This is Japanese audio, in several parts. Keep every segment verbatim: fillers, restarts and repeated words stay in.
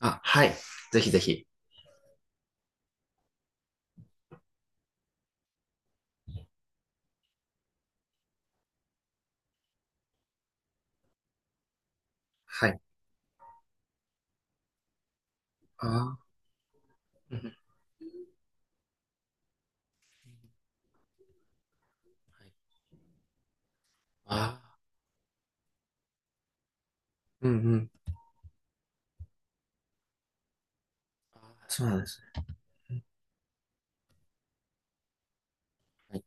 あ、はい。ぜひぜひ。はい。あー、うんうん、はい。ああ、うんうん。ああ、そうなんですね。はい、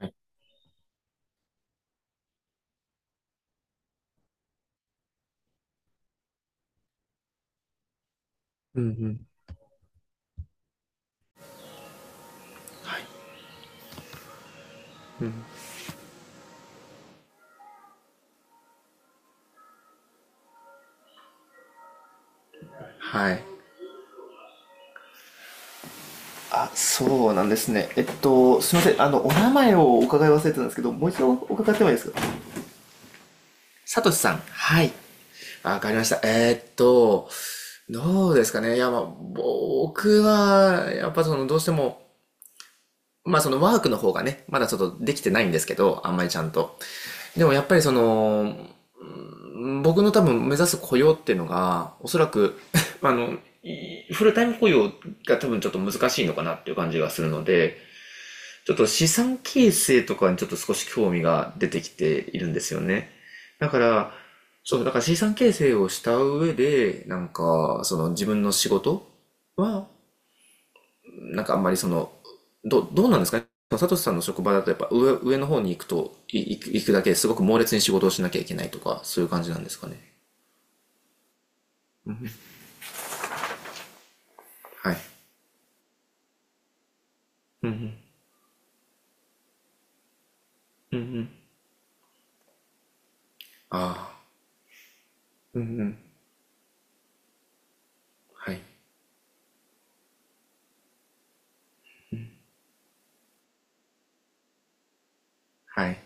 はい、うんうん。はい、うん。はい。あ、そうなんですね。えっと、すみません。あの、お名前をお伺い忘れてたんですけど、もう一度お伺ってもいいですか。サトシさん。はい。あ、わかりました。えーっと、どうですかね。いや、まあ、僕は、やっぱその、どうしても、まあそのワークの方がね、まだちょっとできてないんですけど、あんまりちゃんと。でもやっぱりその、僕の多分目指す雇用っていうのが、おそらく あの、フルタイム雇用が多分ちょっと難しいのかなっていう感じがするので、ちょっと資産形成とかにちょっと少し興味が出てきているんですよね。だから、そう、だから資産形成をした上で、なんか、その自分の仕事は、なんかあんまりその、ど、どうなんですかね。サトシさんの職場だとやっぱ上、上の方に行くと、い行く行くだけですごく猛烈に仕事をしなきゃいけないとか、そういう感じなんですかね。はい。ああ、はい。はい。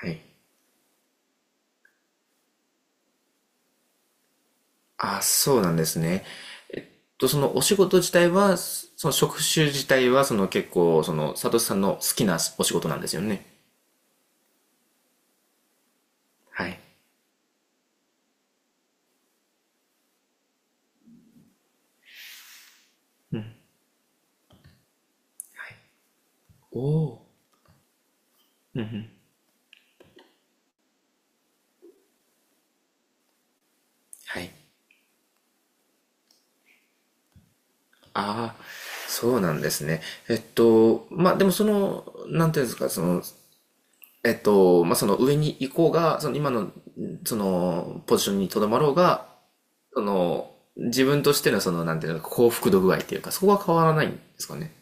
はい。ああ、そうなんですね。と、そのお仕事自体は、その職種自体は、その結構、その、サトシさんの好きなお仕事なんですよね。はい。おお、はい。ああ、そうなんですね。えっと、まあ、でもその、なんていうんですか、その、えっと、まあ、その上に行こうが、その今の、その、ポジションにとどまろうが、その、自分としてのその、なんていうの、幸福度具合っていうか、そこは変わらないんですかね。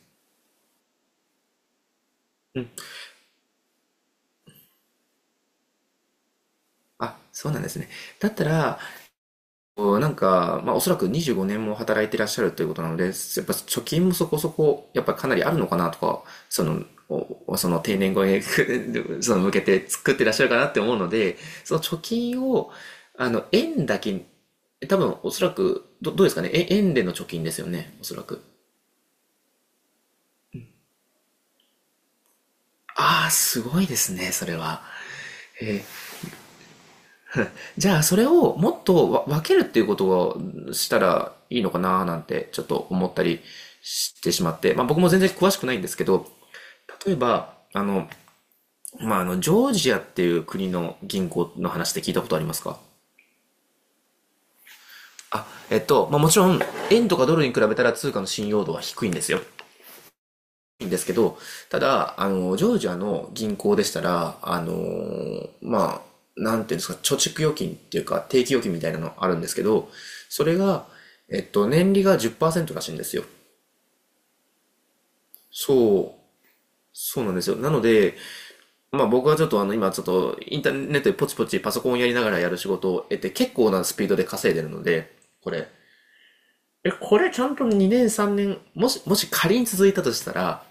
あ、そうなんですね。だったら、こうなんか、まあ、おそらくにじゅうごねんも働いていらっしゃるということなので、やっぱ貯金もそこそこ、やっぱかなりあるのかなとか、その、おその定年後へ その向けて作ってらっしゃるかなって思うので、その貯金を、あの、円だけ、多分おそらく、ど、どうですかね、え円での貯金ですよね、おそらく。ああ、すごいですね、それは。じゃあそれをもっとわ分けるっていうことをしたらいいのかななんてちょっと思ったりしてしまって、まあ僕も全然詳しくないんですけど、例えば、あの、まああの、ジョージアっていう国の銀行の話で聞いたことありますか。あ、えっと、まあもちろん、円とかドルに比べたら通貨の信用度は低いんですよ。んですけど、ただ、あの、ジョージアの銀行でしたら、あのまあ、なんていうんですか、貯蓄預金っていうか、定期預金みたいなのあるんですけど、それが、えっと、年利がじっパーセントらしいんですよ。そう、そうなんですよ。なので、まあ僕はちょっとあの、今ちょっとインターネットでポチポチパソコンやりながらやる仕事を得て、結構なスピードで稼いでるので、これ。え、これちゃんとにねんさんねん、もし、もし仮に続いたとしたら、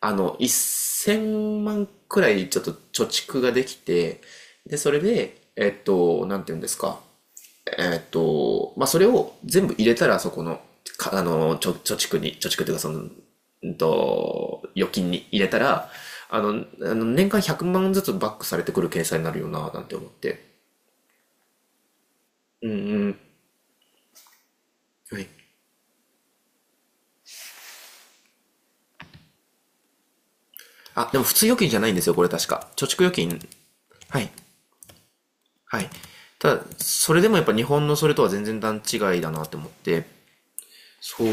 あの、せんまんくらいちょっと貯蓄ができて、で、それで、えっと、なんて言うんですか。えっと、まあ、それを全部入れたら、そこの、か、あの、貯、貯蓄に、貯蓄というか、その、うんと、預金に入れたら、あの、あの年間ひゃくまんずつバックされてくる計算になるよな、なんて思って。うんうん。はい。あ、でも普通預金じゃないんですよ、これ確か。貯蓄預金。はい。はい。ただ、それでもやっぱ日本のそれとは全然段違いだなって思って、そう。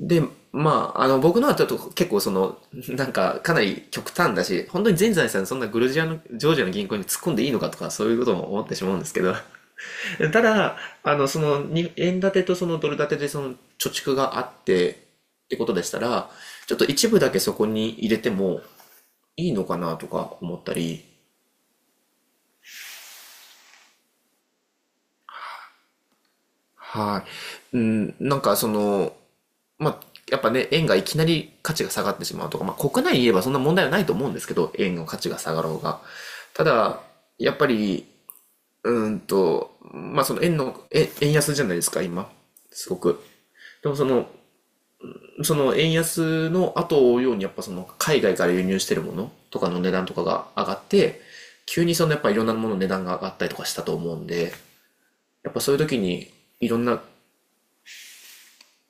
で、まあ、あの、僕のはちょっと結構その、なんか、かなり極端だし、本当に全財産そんなグルジアの、ジョージアの銀行に突っ込んでいいのかとか、そういうことも思ってしまうんですけど、ただ、あの、その、に円建てとそのドル建てでその、貯蓄があって、ってことでしたら、ちょっと一部だけそこに入れてもいいのかなとか思ったり、はい。うん、なんかその、まあ、やっぱね、円がいきなり価値が下がってしまうとか、まあ、国内に言えばそんな問題はないと思うんですけど、円の価値が下がろうが。ただ、やっぱり、うーんと、まあ、その円の、え円安じゃないですか、今。すごく。でもその、その円安の後を追うように、やっぱその海外から輸入してるものとかの値段とかが上がって、急にそのやっぱいろんなものの値段が上がったりとかしたと思うんで、やっぱそういう時にいろんな、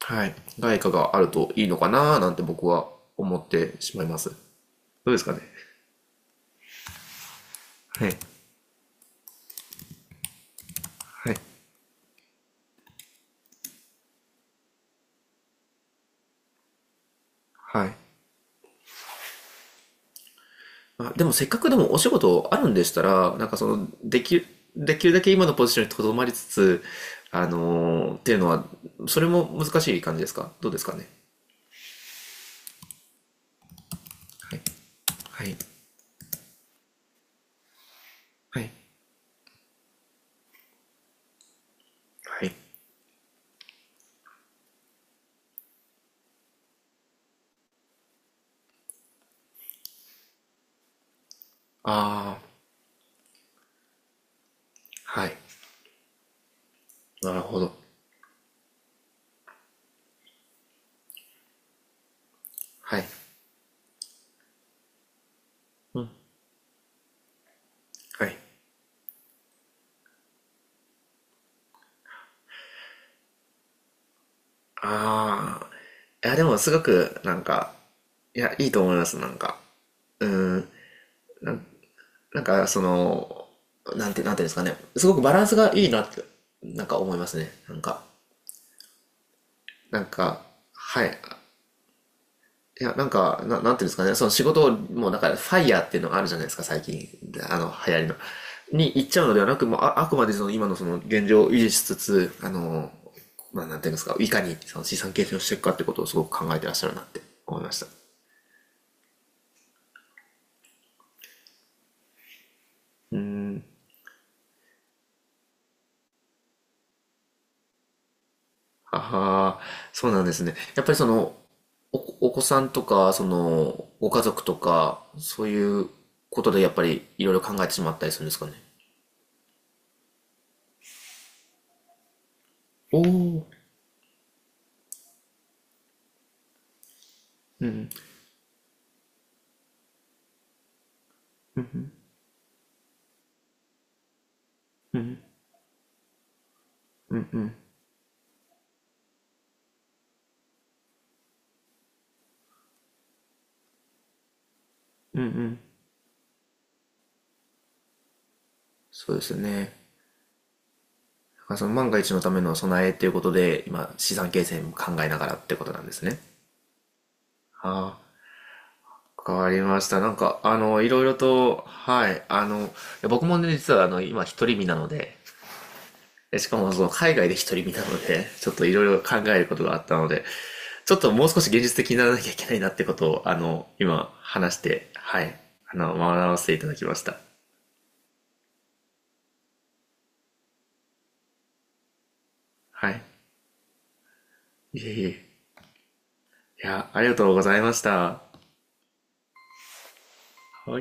はい、外貨があるといいのかなーなんて僕は思ってしまいます。どうですかね。はい。はい。はい。あ、でもせっかくでもお仕事あるんでしたら、なんかその、できる、できるだけ今のポジションにとどまりつつ、あのーっていうのは、それも難しい感じですかどうですかね。はい。はい。はい。はい。ああ、はい。なるほど。はい。うん。はい。ああ。いや、でもすごく、なんか、いや、いいと思います、なんか。うん、なんか、その、なんて、なんていうんですかね。すごくバランスがいいなって、なんか思いますね。なんか、なんか、はい。いや、なんか、ななんていうんですかね。その仕事を、もうなんか、ファイヤーっていうのがあるじゃないですか、最近。あの、流行りの。に行っちゃうのではなく、もうあ、あくまでその今のその現状を維持しつつ、あの、まあ、なんていうんですか、いかにその資産形成をしていくかってことをすごく考えてらっしゃるなって思いました。ああ、そうなんですね。やっぱりその、お、お子さんとか、その、ご家族とか、そういうことでやっぱりいろいろ考えてしまったりするんですかね。おお。そうですよね。だからその万が一のための備えということで、今、資産形成も考えながらってことなんですね。ああ、変わりました。なんか、あの、いろいろと、はい、あの、いや僕もね、実はあの、今、一人身なので、しかもその海外で一人見たので、ちょっといろいろ考えることがあったので、ちょっともう少し現実的にならなきゃいけないなってことを、あの、今話して、はい、あの、学ばせていただきました。はい。いえいえ。いや、ありがとうございました。はい。